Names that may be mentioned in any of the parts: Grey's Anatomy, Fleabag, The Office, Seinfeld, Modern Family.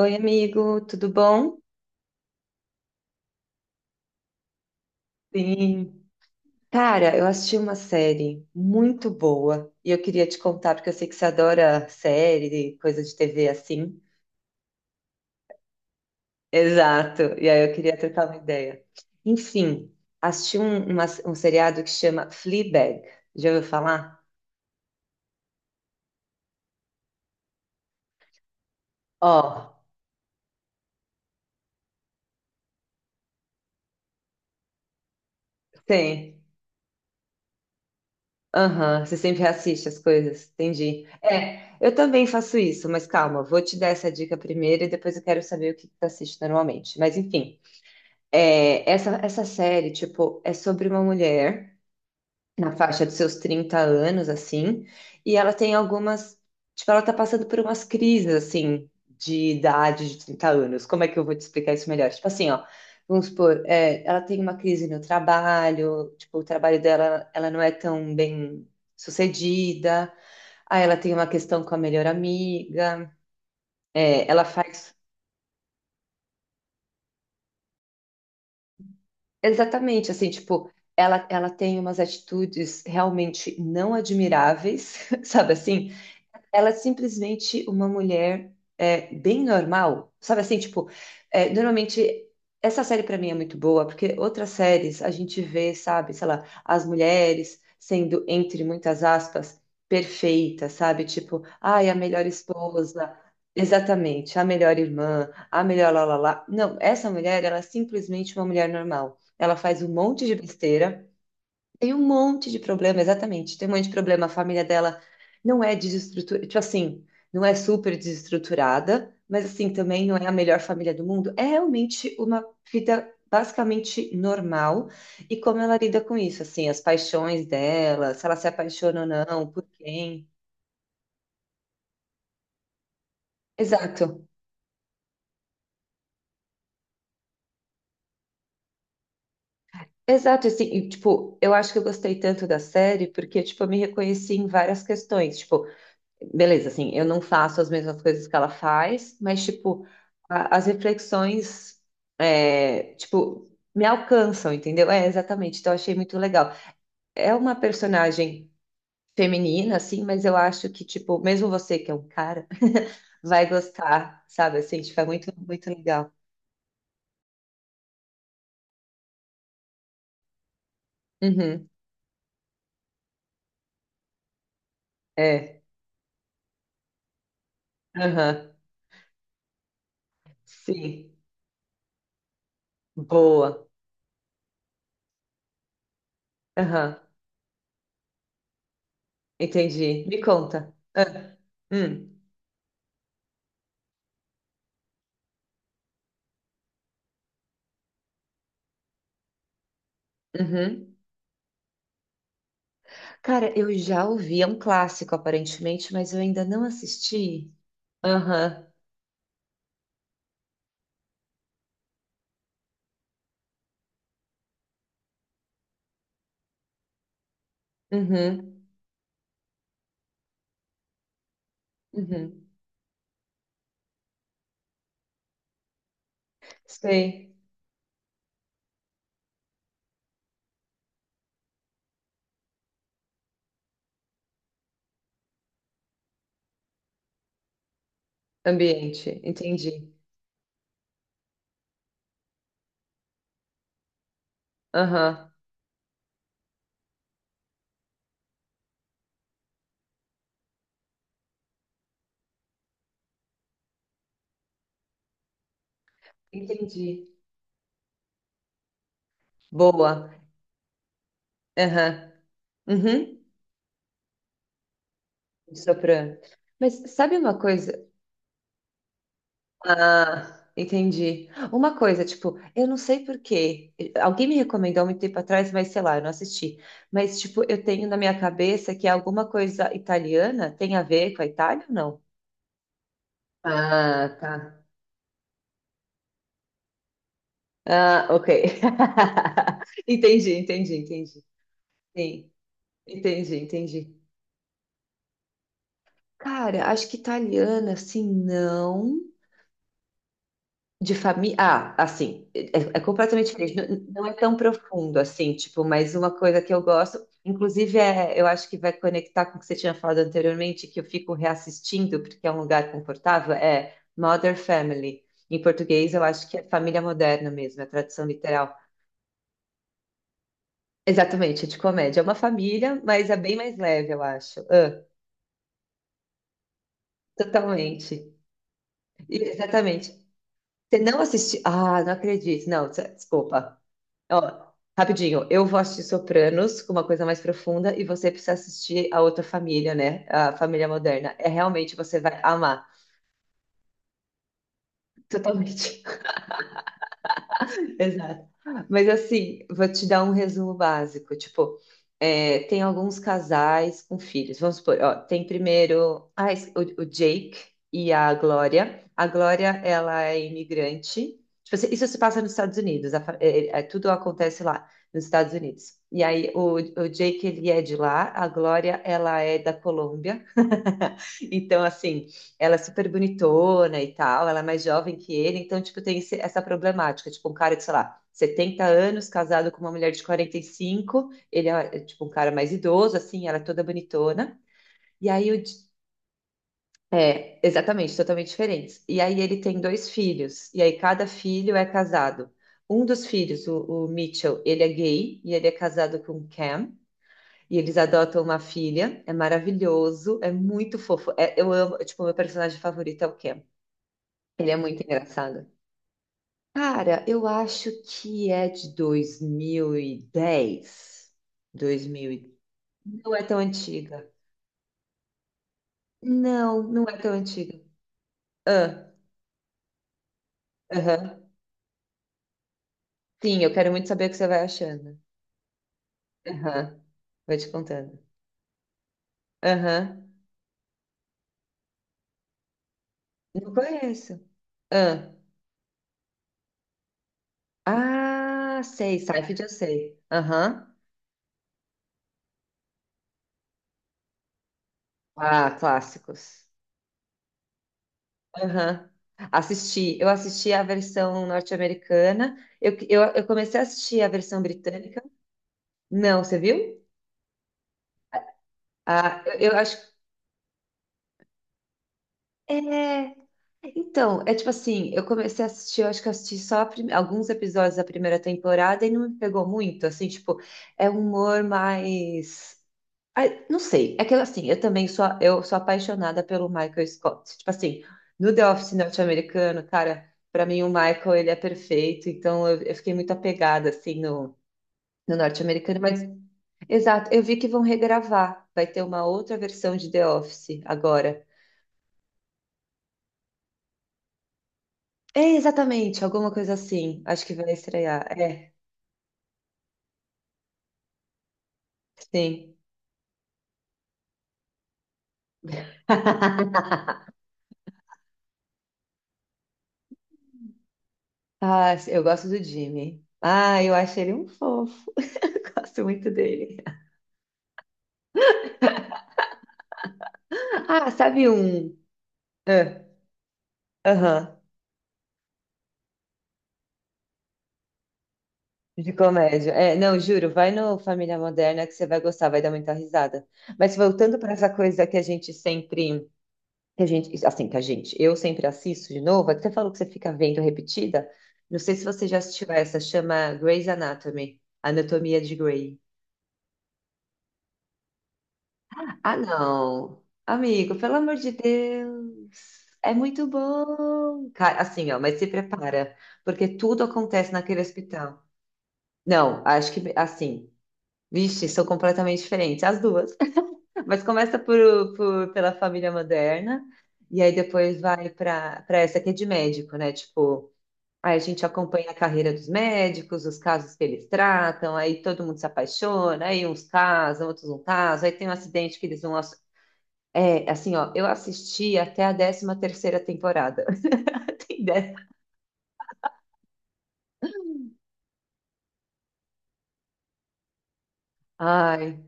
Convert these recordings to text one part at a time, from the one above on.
Oi, amigo, tudo bom? Sim. Cara, eu assisti uma série muito boa e eu queria te contar, porque eu sei que você adora série, coisa de TV assim. Exato, e aí eu queria trocar uma ideia. Enfim, assisti um seriado que chama Fleabag. Já ouviu falar? Ó, tem. Aham, você sempre assiste as coisas, entendi. É, eu também faço isso, mas calma, vou te dar essa dica primeiro e depois eu quero saber o que que você assiste normalmente. Mas enfim. É, essa série, tipo, é sobre uma mulher na faixa dos seus 30 anos, assim, e ela tem algumas, tipo, ela tá passando por umas crises, assim, de idade de 30 anos. Como é que eu vou te explicar isso melhor? Tipo assim, ó, vamos supor, é, ela tem uma crise no trabalho, tipo, o trabalho dela, ela não é tão bem sucedida, aí ela tem uma questão com a melhor amiga, é, ela faz. Exatamente, assim, tipo, ela tem umas atitudes realmente não admiráveis, sabe assim? Ela é simplesmente uma mulher é, bem normal, sabe assim, tipo, é, normalmente essa série pra mim é muito boa, porque outras séries a gente vê, sabe, sei lá, as mulheres sendo, entre muitas aspas, perfeitas, sabe, tipo, ai, a melhor esposa, exatamente, a melhor irmã, a melhor lá, lá, lá. Não, essa mulher, ela é simplesmente uma mulher normal. Ela faz um monte de besteira, tem um monte de problema, exatamente. Tem um monte de problema. A família dela não é desestruturada, tipo assim, não é super desestruturada, mas assim, também não é a melhor família do mundo. É realmente uma vida basicamente normal. E como ela lida com isso, assim, as paixões dela, se ela se apaixona ou não, por quem. Exato. Exato, assim, e, tipo, eu acho que eu gostei tanto da série porque, tipo, eu me reconheci em várias questões. Tipo, beleza, assim, eu não faço as mesmas coisas que ela faz, mas, tipo, as reflexões, é, tipo, me alcançam, entendeu? É, exatamente, então eu achei muito legal. É uma personagem feminina, assim, mas eu acho que, tipo, mesmo você que é um cara, vai gostar, sabe? Assim, tipo, é muito, muito legal. Uhum, é, aham, sim, boa, aham, entendi. Me conta. Ah, hum, uhum. Cara, eu já ouvi, é um clássico aparentemente, mas eu ainda não assisti. Aham, uhum, uhum. Sei, ambiente, entendi. Aham, entendi. Boa, aham, uhum. Soprano. Mas sabe uma coisa? Ah, entendi. Uma coisa, tipo, eu não sei por quê. Alguém me recomendou há muito tempo atrás, mas sei lá, eu não assisti. Mas, tipo, eu tenho na minha cabeça que alguma coisa italiana tem a ver com a Itália ou não? Ah, tá. Ah, ok. Entendi, entendi, entendi. Sim, entendi, entendi. Cara, acho que italiana, assim, não. De família. Ah, assim, é completamente diferente. Não, não é tão profundo, assim, tipo, mas uma coisa que eu gosto, inclusive, é, eu acho que vai conectar com o que você tinha falado anteriormente, que eu fico reassistindo, porque é um lugar confortável, é Modern Family. Em português, eu acho que é família moderna mesmo, é a tradução literal. Exatamente, é de comédia. É uma família, mas é bem mais leve, eu acho. Ah, totalmente. Exatamente. Você não assistiu. Ah, não acredito. Não, desculpa. Ó, rapidinho, eu vou assistir Sopranos com uma coisa mais profunda e você precisa assistir a outra família, né? A família moderna. É realmente você vai amar. Totalmente. Exato. Mas assim, vou te dar um resumo básico. Tipo, é, tem alguns casais com filhos. Vamos supor, ó, tem primeiro ah, o Jake e a Glória. A Glória, ela é imigrante. Tipo assim, isso se passa nos Estados Unidos. A fa- é- é- é- tudo acontece lá, nos Estados Unidos. E aí, o Jake, ele é de lá. A Glória, ela é da Colômbia. Então, assim, ela é super bonitona e tal, ela é mais jovem que ele, então, tipo, tem essa problemática, tipo, um cara de, sei lá, 70 anos, casado com uma mulher de 45, ele é, tipo, um cara mais idoso, assim, ela é toda bonitona, e aí É, exatamente, totalmente diferentes. E aí ele tem dois filhos, e aí cada filho é casado. Um dos filhos, o Mitchell, ele é gay, e ele é casado com Cam, e eles adotam uma filha, é maravilhoso, é muito fofo. É, eu amo, tipo, meu personagem favorito é o Cam. Ele é muito engraçado. Cara, eu acho que é de 2010. 2000. Dez. Não é tão antiga. Não, não é tão antiga. Ah, aham. Sim, eu quero muito saber o que você vai achando. Aham. Vou te contando. Aham. Não conheço. Ah, ah, sei. Seinfeld eu sei. Aham. Ah, clássicos. Aham. Eu assisti a versão norte-americana, eu comecei a assistir a versão britânica. Não, você viu? Ah, eu acho. É. Então, é tipo assim, eu comecei a assistir, eu acho que eu assisti só alguns episódios da primeira temporada e não me pegou muito, assim, tipo, é um humor mais. Ai, não sei, é que assim, eu sou apaixonada pelo Michael Scott. Tipo assim, no The Office norte-americano, cara, pra mim o Michael, ele é perfeito, então eu fiquei muito apegada, assim, no, norte-americano, mas, exato, eu vi que vão regravar, vai ter uma outra versão de The Office agora. É, exatamente, alguma coisa assim, acho que vai estrear, é, sim. Ah, eu gosto do Jimmy. Ah, eu acho ele um fofo, gosto muito dele. Ah, sabe um... Ah, aham, de comédia. É, não, juro, vai no Família Moderna que você vai gostar, vai dar muita risada. Mas voltando para essa coisa que a gente sempre, que a gente, assim, que a gente, eu sempre assisto de novo, é que você falou que você fica vendo repetida. Não sei se você já assistiu essa, chama Grey's Anatomy, Anatomia de Grey. Ah, não. Amigo, pelo amor de Deus. É muito bom. Cara, assim, ó, mas se prepara, porque tudo acontece naquele hospital. Não, acho que assim. Vixe, são completamente diferentes, as duas. Mas começa pela família moderna, e aí depois vai para essa que é de médico, né? Tipo, aí a gente acompanha a carreira dos médicos, os casos que eles tratam, aí todo mundo se apaixona, aí uns casam, outros não casam, aí tem um acidente que eles vão. É, assim, ó, eu assisti até a 13ª temporada. Tem ai.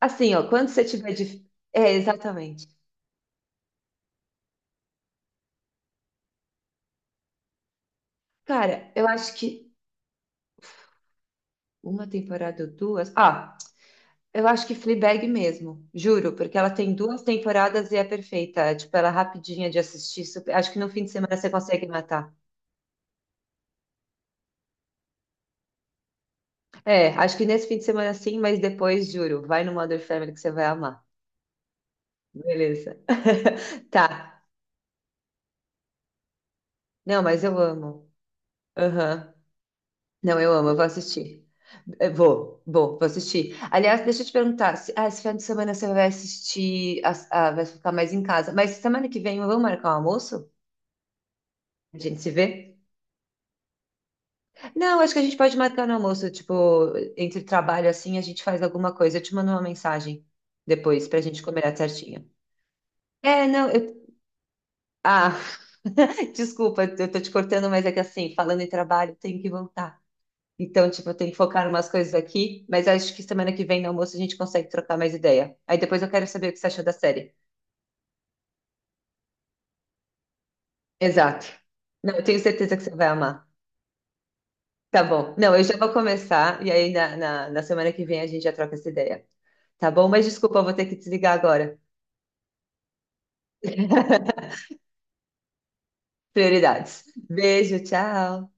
Assim, ó, quando você tiver de. É, exatamente. Cara, eu acho que uma temporada ou duas. Ah, eu acho que Fleabag mesmo, juro, porque ela tem duas temporadas e é perfeita. Tipo, ela é rapidinha de assistir. Acho que no fim de semana você consegue matar. É, acho que nesse fim de semana sim, mas depois, juro, vai no Mother Family que você vai amar. Beleza. Tá. Não, mas eu amo. Aham. Não, eu amo, eu vou assistir. Eu vou assistir. Aliás, deixa eu te perguntar, se, ah, esse fim de semana você vai assistir, vai ficar mais em casa, mas semana que vem vamos marcar um almoço? A gente se vê? Não, acho que a gente pode marcar no almoço, tipo, entre trabalho assim, a gente faz alguma coisa. Eu te mando uma mensagem depois pra gente combinar certinho. É, não, eu. Ah, desculpa, eu tô te cortando, mas é que assim, falando em trabalho, eu tenho que voltar. Então, tipo, eu tenho que focar em umas coisas aqui, mas acho que semana que vem no almoço a gente consegue trocar mais ideia. Aí depois eu quero saber o que você achou da série. Exato. Não, eu tenho certeza que você vai amar. Tá bom. Não, eu já vou começar e aí na semana que vem a gente já troca essa ideia. Tá bom? Mas desculpa, eu vou ter que desligar agora. Prioridades. Beijo, tchau.